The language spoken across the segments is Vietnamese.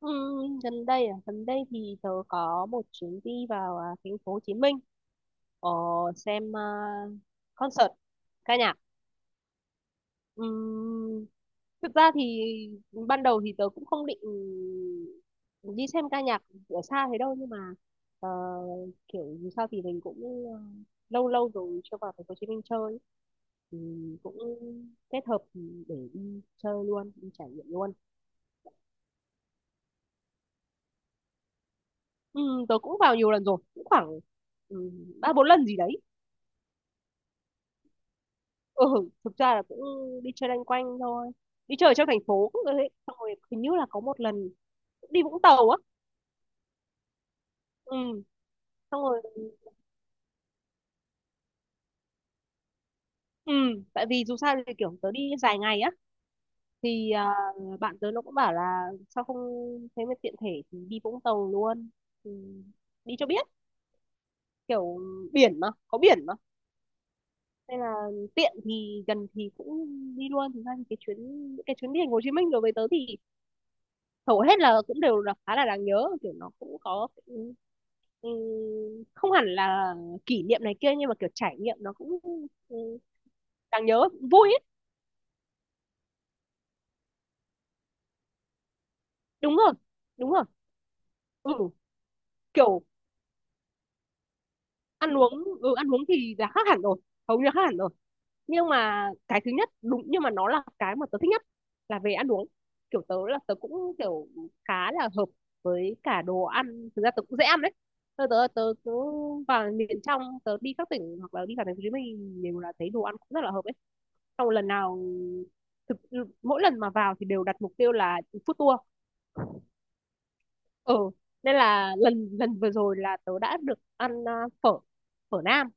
Ừ, gần đây thì tớ có một chuyến đi vào thành phố Hồ Chí Minh, ờ, xem, concert ca nhạc. Ừm, thực ra thì ban đầu thì tớ cũng không định đi xem ca nhạc ở xa thế đâu, nhưng mà ờ, kiểu dù sao thì mình cũng ờ, lâu lâu rồi chưa vào thành phố Hồ Chí Minh chơi, thì cũng kết hợp để đi chơi luôn, đi trải nghiệm luôn. Ừ, tớ cũng vào nhiều lần rồi, cũng khoảng ừ, ba bốn lần gì đấy. Ừ, thực ra là cũng đi chơi loanh quanh thôi. Đi chơi ở trong thành phố cũng thế. Xong rồi hình như là có một lần cũng đi Vũng Tàu á. Ừ, xong rồi ừ, tại vì dù sao thì kiểu tớ đi dài ngày á, thì bạn tớ nó cũng bảo là sao không thế mà tiện thể thì đi Vũng Tàu luôn. Ừ, đi cho biết, kiểu biển mà, có biển mà. Nên là tiện thì gần thì cũng đi luôn. Thực ra thì cái chuyến những cái chuyến đi thành phố Hồ Chí Minh đối với tớ thì hầu hết là cũng đều là khá là đáng nhớ, kiểu nó cũng có ừm, không hẳn là kỷ niệm này kia, nhưng mà kiểu trải nghiệm nó cũng ừm, đáng nhớ, vui ấy. Đúng rồi, đúng rồi. ừ kiểu ăn uống, ăn uống thì là khác hẳn rồi, hầu như là khác hẳn rồi. Nhưng mà cái thứ nhất đúng, nhưng mà nó là cái mà tớ thích nhất là về ăn uống. Kiểu tớ là tớ cũng kiểu khá là hợp với cả đồ ăn, thực ra tớ cũng dễ ăn đấy. Tớ tớ tớ cứ vào miền trong, tớ đi các tỉnh hoặc là đi cả thành phố Hồ Chí Minh đều là thấy đồ ăn cũng rất là hợp ấy. Xong lần nào thực mỗi lần mà vào thì đều đặt mục tiêu là food tour. ừ nên là lần lần vừa rồi là tớ đã được ăn, phở phở Nam,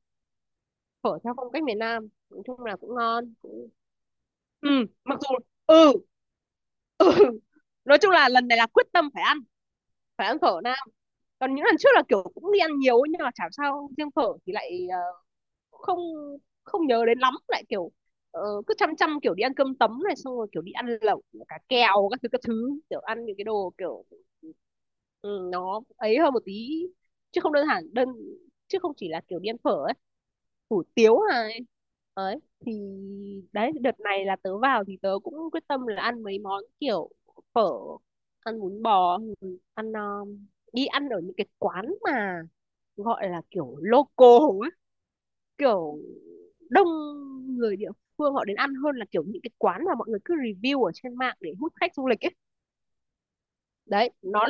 phở theo phong cách miền Nam, nói chung là cũng ngon, cũng... ừ mặc dù. ừ nói chung là lần này là quyết tâm phải ăn, phở Nam. Còn những lần trước là kiểu cũng đi ăn nhiều nhưng mà chả sao, riêng phở thì lại không không nhớ đến lắm, lại kiểu ờ, cứ chăm chăm kiểu đi ăn cơm tấm này, xong rồi kiểu đi ăn lẩu cá kèo các thứ các thứ, kiểu ăn những cái đồ kiểu ừ, nó ấy hơn một tí, chứ không đơn giản đơn chứ không chỉ là kiểu đi ăn phở ấy, hủ tiếu này ấy. Thì đấy, đợt này là tớ vào thì tớ cũng quyết tâm là ăn mấy món kiểu phở, ăn bún bò, ừ, ăn đi ăn ở những cái quán mà gọi là kiểu local ấy, kiểu đông người địa phương họ đến ăn hơn là kiểu những cái quán mà mọi người cứ review ở trên mạng để hút khách du lịch ấy. Đấy nó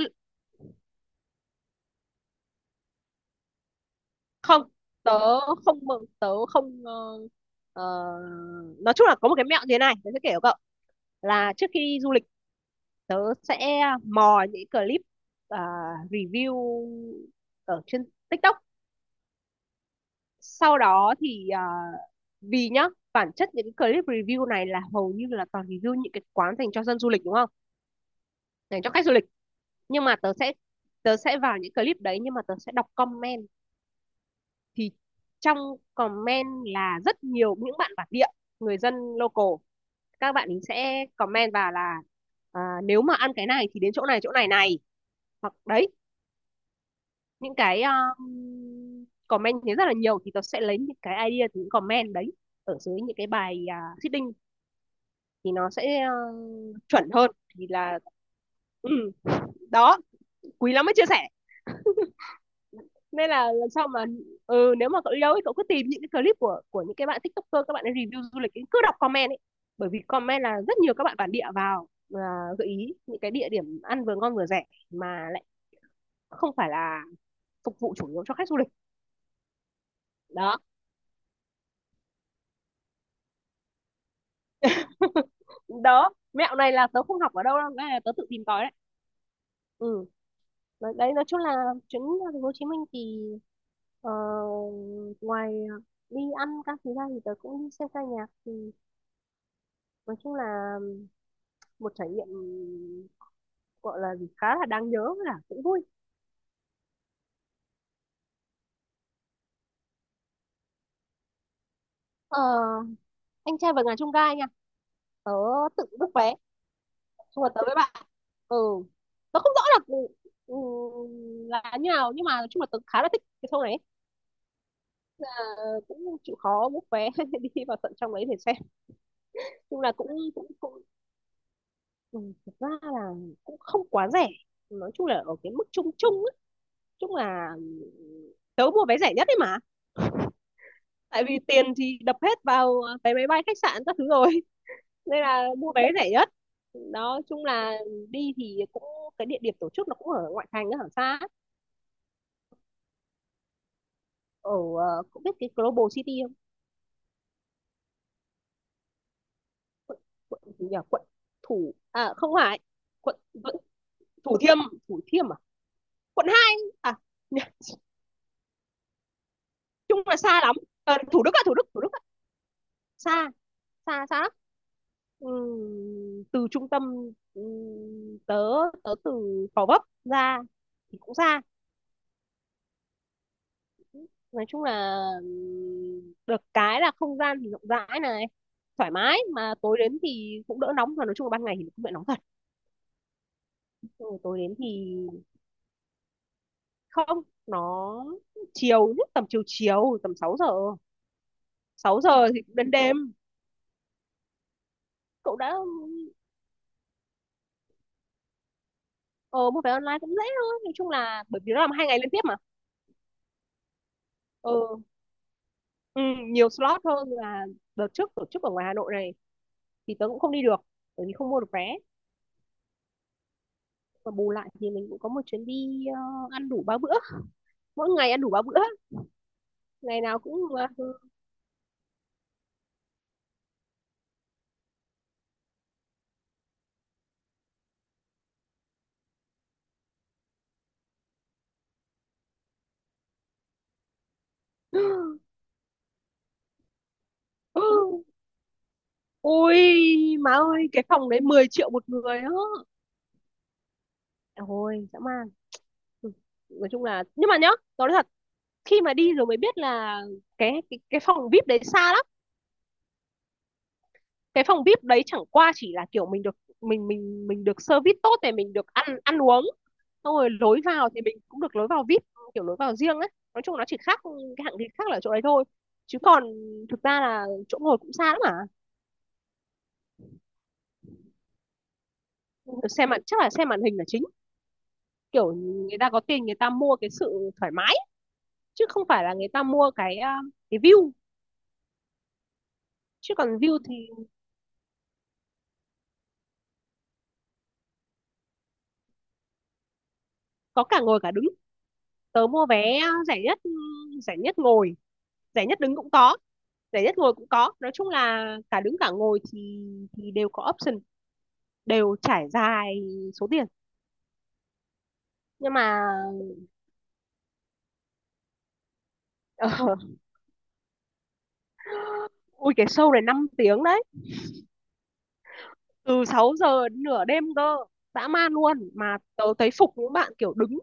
không tớ không mừng tớ không ờ, ờ, nói chung là có một cái mẹo như thế này, tớ sẽ kể cho cậu. Là trước khi đi du lịch, tớ sẽ mò những clip, à, review ở trên TikTok. Sau đó thì vì nhá, bản chất những cái clip review này là hầu như là toàn review những cái quán dành cho dân du lịch, đúng không, dành cho khách du lịch. Nhưng mà tớ sẽ vào những clip đấy nhưng mà tớ sẽ đọc comment. Thì trong comment là rất nhiều những bạn bản địa, người dân local, các bạn ấy sẽ comment vào là nếu mà ăn cái này thì đến chỗ này, chỗ này này, hoặc đấy, những cái comment thì rất là nhiều, thì tớ sẽ lấy những cái idea từ những comment đấy, ở dưới những cái bài, seeding, thì nó sẽ chuẩn hơn. Thì là ừ, đó, quý lắm mới chia sẻ. Nên là lần sau mà nếu mà cậu đi đâu ấy, cậu cứ tìm những cái clip của những cái bạn tiktoker, các bạn ấy review du lịch ấy, cứ đọc comment ấy. Bởi vì comment là rất nhiều các bạn bản địa vào, à, gợi ý những cái địa điểm ăn vừa ngon vừa rẻ, mà lại không phải là phục vụ chủ yếu cho khách du lịch. Đó. Đó, mẹo này là tớ không học ở đâu đâu, cái này là tớ tự tìm tòi đấy. Ừ. Đấy đấy, nói chung là chuyến ra thành phố Hồ Chí Minh thì ờ, ngoài đi ăn các thứ ra thì tớ cũng đi xem ca nhạc, thì nói chung là một trải nghiệm, gọi là gì, khá là đáng nhớ, là cũng vui. ờ, anh trai vượt ngàn chông gai nha. Tớ tự book vé, xong rồi tớ với bạn. ừ tớ không rõ là ừ, như nào nhưng mà nói chung là tớ khá là thích cái show này. à, cũng chịu khó book vé đi vào tận trong đấy để xem. Nhưng là cũng cũng cũng ừ, thực ra là cũng không quá rẻ, nói chung là ở cái mức chung chung ấy. Chung là tớ mua vé rẻ nhất đấy mà, tại vì tiền thì đập hết vào vé máy bay khách sạn các thứ rồi. Nên là mua vé rẻ nhất. Đó chung là đi thì cũng cái địa điểm tổ chức nó cũng ở ngoại thành ở xa ấy. Ở cũng biết cái Global City không? Quận gì nhỉ, quận à không phải, quận vẫn Thủ Thiêm, Thủ Thiêm, quận 2 à. Chung là xa lắm. Ờ, Thủ Đức à, Thủ Đức, Thủ Đức ạ. Xa, xa xa lắm. Từ trung tâm, tớ tớ từ Gò Vấp ra thì cũng xa. Nói chung là được cái là không gian thì rộng rãi này, thoải mái mà tối đến thì cũng đỡ nóng, mà nói chung là ban ngày thì cũng bị nóng thật. Ừ, tối đến thì không, nó chiều nhất tầm chiều chiều, tầm 6 giờ, 6 giờ thì cũng đến đêm. Cậu đã. Ờ mua vé online cũng dễ thôi nói chung là, bởi vì nó làm 2 ngày liên tiếp mà. Ừ, ừ, nhiều slot hơn là đợt trước tổ chức ở ngoài Hà Nội này thì tớ cũng không đi được bởi vì không mua được vé. Và bù lại thì mình cũng có một chuyến đi, ăn đủ ba bữa, mỗi ngày ăn đủ ba bữa, ngày nào cũng ừ. Ui má ơi, cái phòng đấy 10 triệu một người đó. Ôi dã man. Ừ. Nói chung là nhưng mà nhá, nói thật, khi mà đi rồi mới biết là cái phòng VIP đấy xa. Cái phòng VIP đấy chẳng qua chỉ là kiểu mình được, mình được service tốt thì mình được ăn, ăn uống. Xong rồi lối vào thì mình cũng được lối vào VIP, kiểu lối vào riêng ấy. Nói chung nó chỉ khác, cái hạng thì khác là chỗ đấy thôi, chứ còn thực ra là chỗ ngồi cũng xa lắm, mà xem chắc là xem màn hình là chính. Kiểu người ta có tiền người ta mua cái sự thoải mái, chứ không phải là người ta mua cái view, chứ còn view thì. Có cả ngồi cả đứng. Tớ mua vé rẻ nhất, rẻ nhất ngồi, rẻ nhất đứng cũng có, rẻ nhất ngồi cũng có, nói chung là cả đứng cả ngồi thì đều có option, đều trải dài số tiền. Nhưng mà ờ, ui, cái show này 5 tiếng đấy, từ 6 giờ đến nửa đêm cơ, dã man luôn, mà tớ thấy phục những bạn kiểu đứng,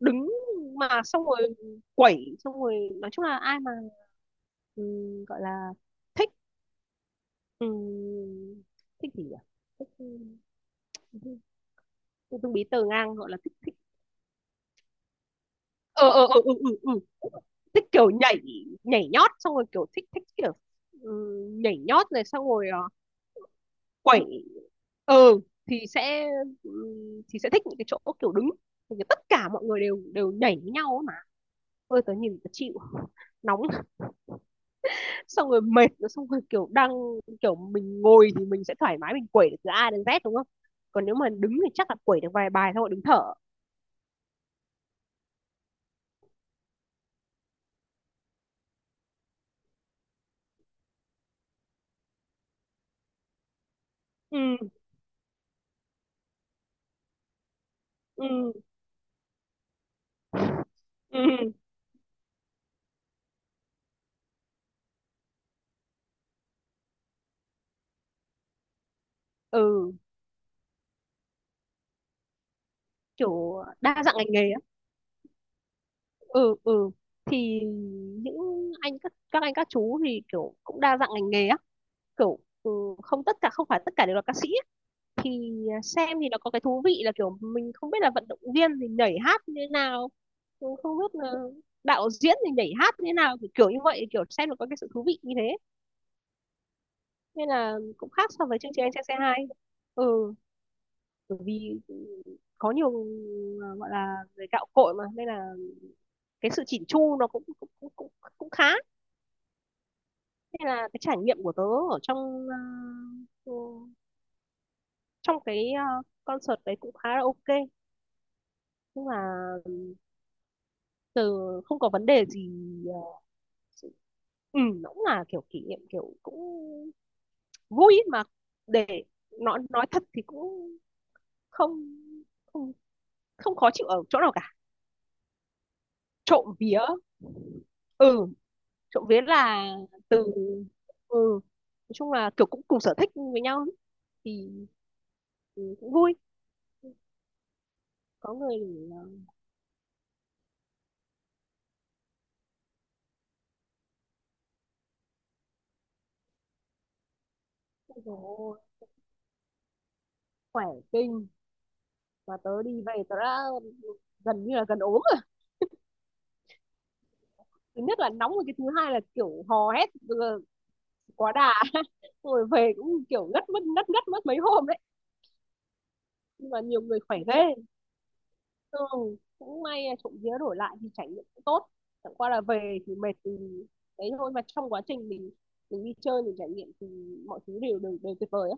đứng mà xong rồi quẩy xong rồi, nói chung là ai mà ừ, gọi là thích, ừ, thích gì nhỉ, thích ừ, ừ, dung bí tờ ngang, gọi là thích thích, ờ ờ ờ ừ, ừ, ừ, thích kiểu nhảy nhảy nhót xong rồi kiểu thích thích kiểu ừ, nhảy nhót này xong rồi quẩy. ừ thì sẽ ừ, thích những cái chỗ kiểu đứng. Thì tất cả mọi người đều đều nhảy với nhau ấy mà. Ôi tớ nhìn tớ chịu nóng. Xong rồi mệt rồi, xong rồi kiểu kiểu mình ngồi thì mình sẽ thoải mái, mình quẩy được từ A đến Z đúng không, còn nếu mà đứng thì chắc là quẩy được vài bài xong rồi đứng thở. Ừ, ừ, ừ, ừ, kiểu đa dạng ngành nghề á. Ừ, ừ, thì những anh, các anh các chú thì kiểu cũng đa dạng ngành nghề á, kiểu không phải tất cả đều là ca sĩ á. Thì xem thì nó có cái thú vị là kiểu mình không biết là vận động viên thì nhảy hát như thế nào, cũng không biết là đạo diễn thì nhảy hát như thế nào, kiểu, kiểu như vậy, kiểu xem nó có cái sự thú vị như thế, nên là cũng khác so với chương trình anh trai say hi. ừ bởi vì có nhiều gọi là người gạo cội mà, nên là cái sự chỉn chu nó cũng cũng khá. Nên là cái trải nghiệm của tớ ở trong ừ, trong cái concert đấy cũng khá là ok. Nhưng mà từ không có vấn đề gì. ờ, ừ, nó cũng là kiểu kỷ niệm, kiểu cũng vui ý, mà để nói thật thì cũng không không không khó chịu ở chỗ nào cả. Trộm vía. ừ trộm vía là từ ừ nói chung là kiểu cũng cùng sở thích với nhau ý, thì, cũng vui. Có người thì, ờ, khỏe kinh, mà tớ đi về tớ đã gần như là gần ốm rồi. Thứ nhất là nóng rồi, cái thứ hai là kiểu hò hét quá đà. Rồi về cũng kiểu ngất mất mấy hôm đấy, nhưng mà nhiều người khỏe ghê. Ừ, cũng may là trộm vía đổi lại thì trải nghiệm cũng tốt, chẳng qua là về thì mệt thì đấy thôi, mà trong quá trình mình đi chơi mình trải nghiệm thì mọi thứ đều đều, đều tuyệt vời á.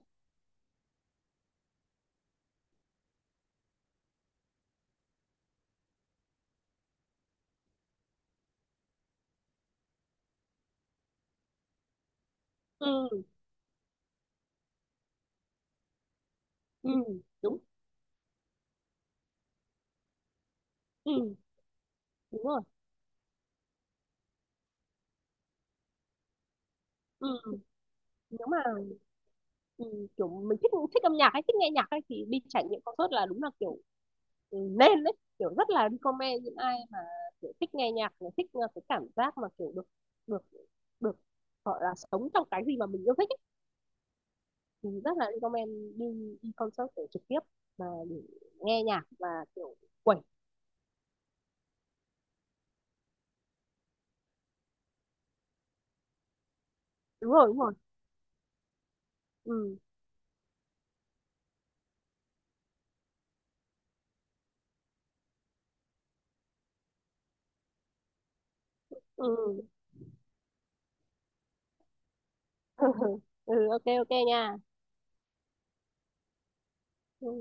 Ừ, ừ đúng. Ừ đúng rồi. Ừ. Nếu mà Ừ, kiểu mình thích thích âm nhạc hay thích nghe nhạc hay thì đi trải nghiệm concert là đúng là kiểu nên đấy, kiểu rất là recommend những ai mà kiểu thích nghe nhạc này, thích cái cảm giác mà kiểu được được được gọi là sống trong cái gì mà mình yêu thích ấy, thì rất là recommend đi, đi concert để trực tiếp, mà để nghe nhạc và kiểu quẩy. Đúng rồi, đúng rồi. Ừ, ừ. Ừ, ok, ok nha. Ừ.